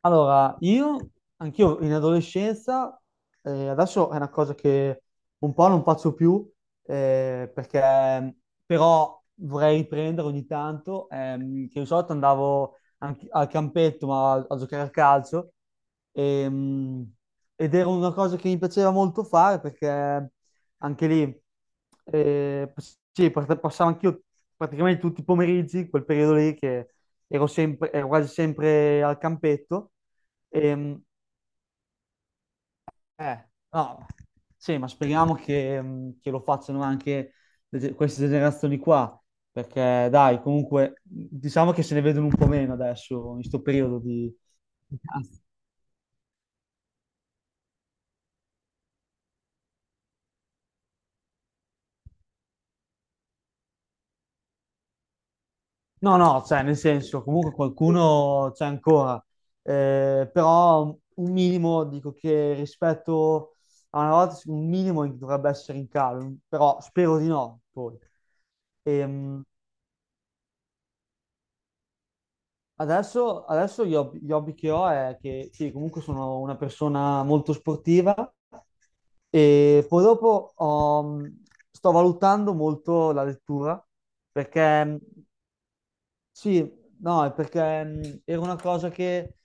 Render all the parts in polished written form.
Allora, io, anch'io in adolescenza, adesso è una cosa che un po' non faccio più, perché però vorrei riprendere ogni tanto, che di solito andavo anche al campetto, ma a giocare a calcio, ehm, ed era una cosa che mi piaceva molto fare, perché anche lì, eh, sì, passavo anch'io praticamente tutti i pomeriggi, quel periodo lì che ero quasi sempre al campetto. E, Eh, no, sì, ma speriamo che lo facciano anche queste generazioni qua, perché dai, comunque, diciamo che se ne vedono un po' meno adesso, in questo periodo di. No, no, cioè, nel senso, comunque qualcuno c'è ancora. Però un minimo, dico che rispetto a una volta, sì, un minimo dovrebbe essere in calo, però spero di no, poi. Ehm, adesso gli hobby che ho è che sì, comunque sono una persona molto sportiva e poi dopo sto valutando molto la lettura perché sì, no, è perché era una cosa che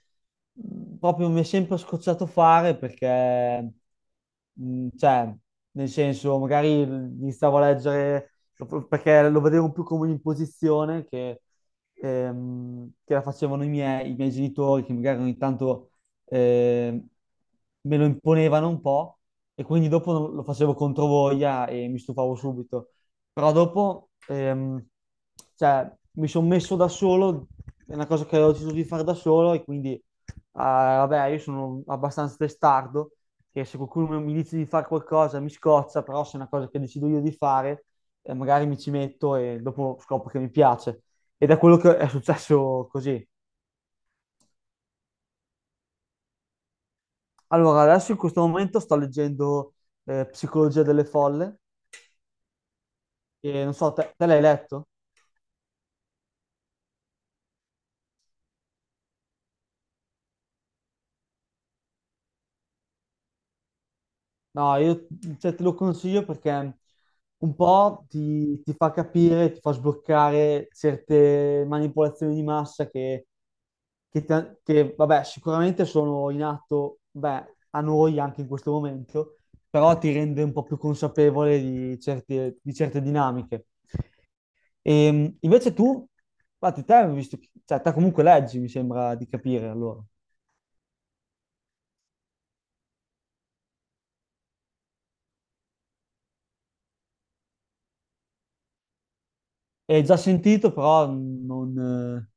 proprio mi è sempre scocciato fare perché, cioè, nel senso, magari iniziavo a leggere perché lo vedevo più come un'imposizione che la facevano i miei genitori, che magari ogni tanto ehm, me lo imponevano un po' e quindi dopo lo facevo controvoglia e mi stufavo subito. Però dopo, cioè, mi sono messo da solo, è una cosa che ho deciso di fare da solo e quindi, vabbè, io sono abbastanza testardo, che se qualcuno mi dice di fare qualcosa mi scoccia, però se è una cosa che decido io di fare, magari mi ci metto e dopo scopro che mi piace. Ed è quello che è successo così. Allora, adesso in questo momento sto leggendo Psicologia delle folle, e non so, te l'hai letto? No, io cioè, te lo consiglio perché un po' ti fa capire, ti fa sbloccare certe manipolazioni di massa che, che, vabbè, sicuramente sono in atto, beh, a noi anche in questo momento, però ti rende un po' più consapevole di certe dinamiche. E, invece tu, infatti te, hai visto, cioè, te comunque leggi, mi sembra di capire allora. E già sentito, però non... eh,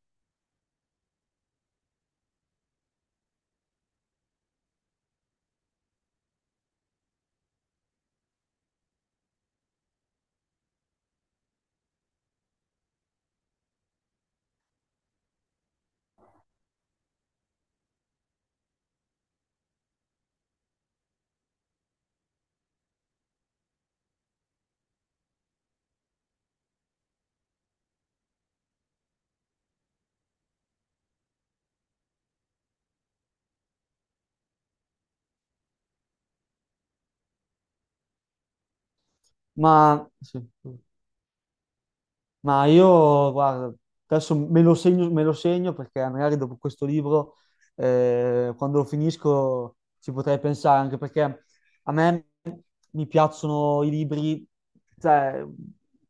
ma sì. Sì. Ma io, guarda, adesso me lo segno perché magari dopo questo libro, quando lo finisco, ci potrei pensare, anche perché a me mi piacciono i libri, cioè,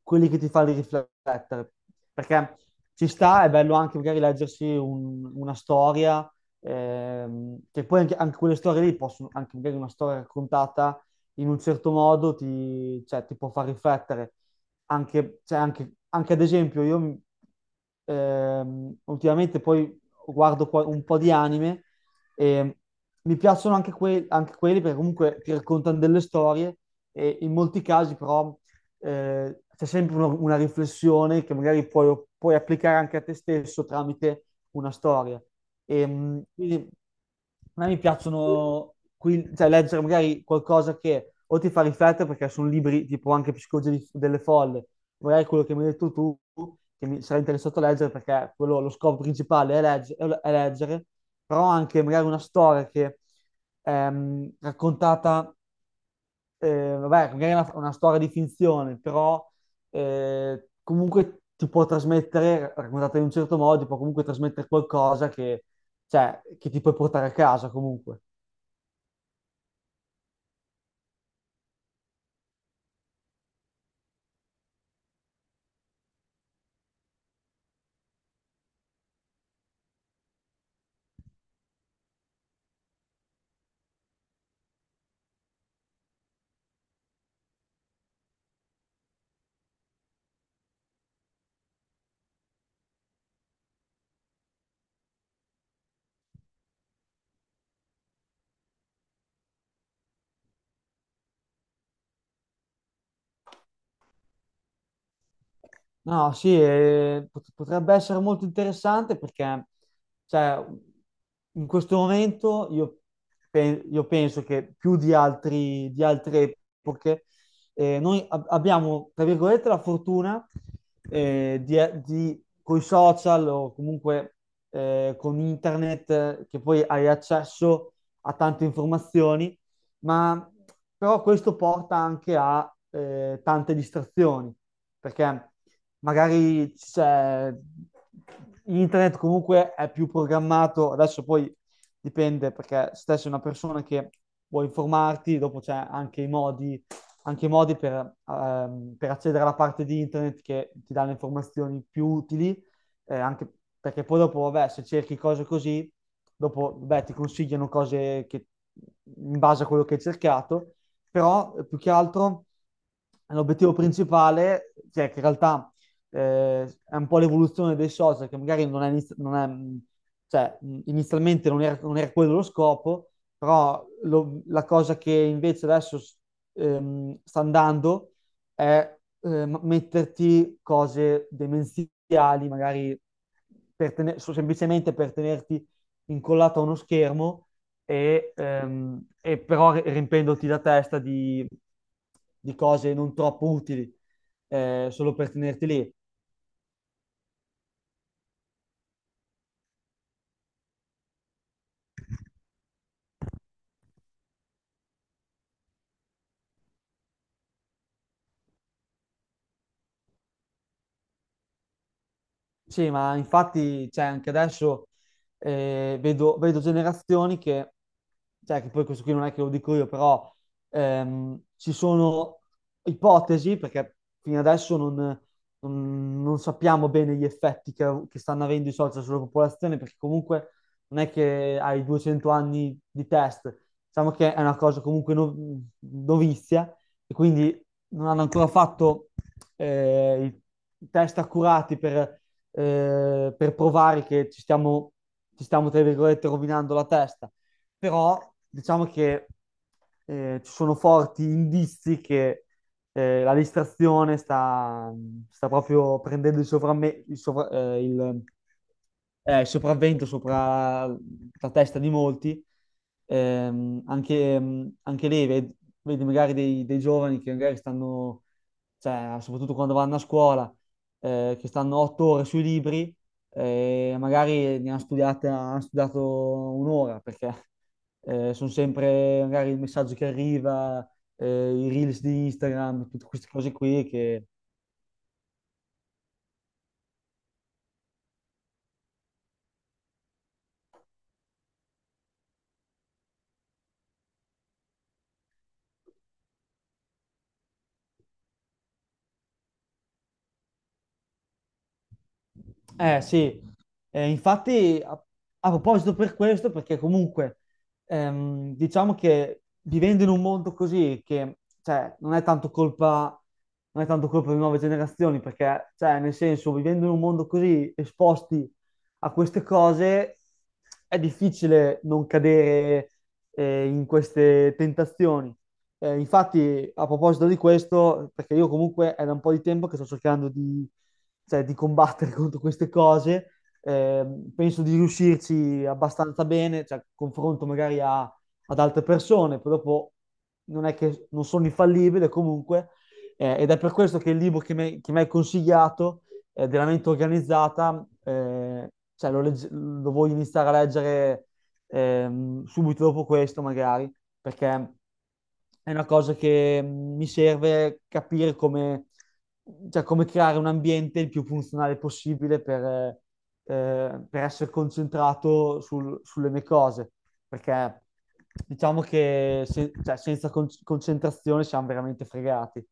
quelli che ti fanno riflettere, perché ci sta, è bello anche magari leggersi una storia, che poi anche, anche quelle storie lì possono, anche magari una storia raccontata in un certo modo, cioè, ti può far riflettere anche, cioè, anche ad esempio ultimamente poi guardo un po' di anime e mi piacciono anche, anche quelli perché comunque ti raccontano delle storie e in molti casi però c'è sempre una riflessione che magari puoi, puoi applicare anche a te stesso tramite una storia. E, quindi a me mi piacciono qui, cioè, leggere magari qualcosa che o ti fa riflettere perché sono libri tipo anche Psicologia delle folle, magari quello che mi hai detto tu, che mi sarei interessato a leggere perché quello, lo scopo principale è, è leggere, però anche magari una storia che raccontata vabbè, magari è una storia di finzione, però comunque ti può trasmettere, raccontata in un certo modo, ti può comunque trasmettere qualcosa che, cioè, che ti puoi portare a casa comunque. No, sì, potrebbe essere molto interessante perché, cioè, in questo momento io, io penso che più di di altre epoche, noi abbiamo, tra virgolette, la fortuna, coi social o comunque, con internet, che poi hai accesso a tante informazioni, ma però questo porta anche a tante distrazioni, perché magari c'è internet comunque è più programmato, adesso poi dipende perché se sei una persona che vuoi informarti, dopo c'è anche i modi per accedere alla parte di internet che ti dà le informazioni più utili anche perché poi dopo, vabbè, se cerchi cose così, dopo, vabbè, ti consigliano cose che, in base a quello che hai cercato, però più che altro l'obiettivo principale, cioè che in realtà è un po' l'evoluzione dei social, che magari non è, non è, cioè, inizialmente non era, non era quello lo scopo, però la cosa che invece adesso sta andando è metterti cose demenziali, magari per semplicemente per tenerti incollato a uno schermo e però riempendoti la testa di cose non troppo utili, solo per tenerti lì. Sì, ma infatti, cioè, anche adesso vedo, vedo generazioni che cioè che poi questo qui non è che lo dico io, però ci sono ipotesi, perché fino adesso non, non sappiamo bene gli effetti che stanno avendo i social sulla popolazione, perché comunque non è che hai 200 anni di test, diciamo che è una cosa comunque novizia e quindi non hanno ancora fatto eh, i i test accurati per provare che ci stiamo, tra virgolette, rovinando la testa, però diciamo che ci sono forti indizi che la distrazione sta proprio prendendo il, il sopravvento sopra la testa di molti. Anche, anche lei, vedi, magari dei, dei giovani che magari stanno, cioè, soprattutto quando vanno a scuola, che stanno 8 ore sui libri, magari hanno studiato un'ora perché sono sempre magari il messaggio che arriva, eh, i reels di Instagram, tutte queste cose qui che. Eh sì. Infatti a proposito per questo, perché comunque diciamo che vivendo in un mondo così, che cioè, non è tanto colpa delle nuove generazioni, perché cioè, nel senso, vivendo in un mondo così esposti a queste cose, è difficile non cadere in queste tentazioni. Infatti, a proposito di questo, perché io comunque è da un po' di tempo che sto cercando di, cioè, di combattere contro queste cose, penso di riuscirci abbastanza bene, cioè, confronto magari ad altre persone, poi dopo non è che non sono infallibile comunque, ed è per questo che il libro che mi hai consigliato, della mente organizzata, cioè, lo voglio iniziare a leggere subito dopo questo magari perché è una cosa che mi serve capire come, cioè, come creare un ambiente il più funzionale possibile per essere concentrato sulle mie cose, perché diciamo che cioè, senza concentrazione siamo veramente fregati.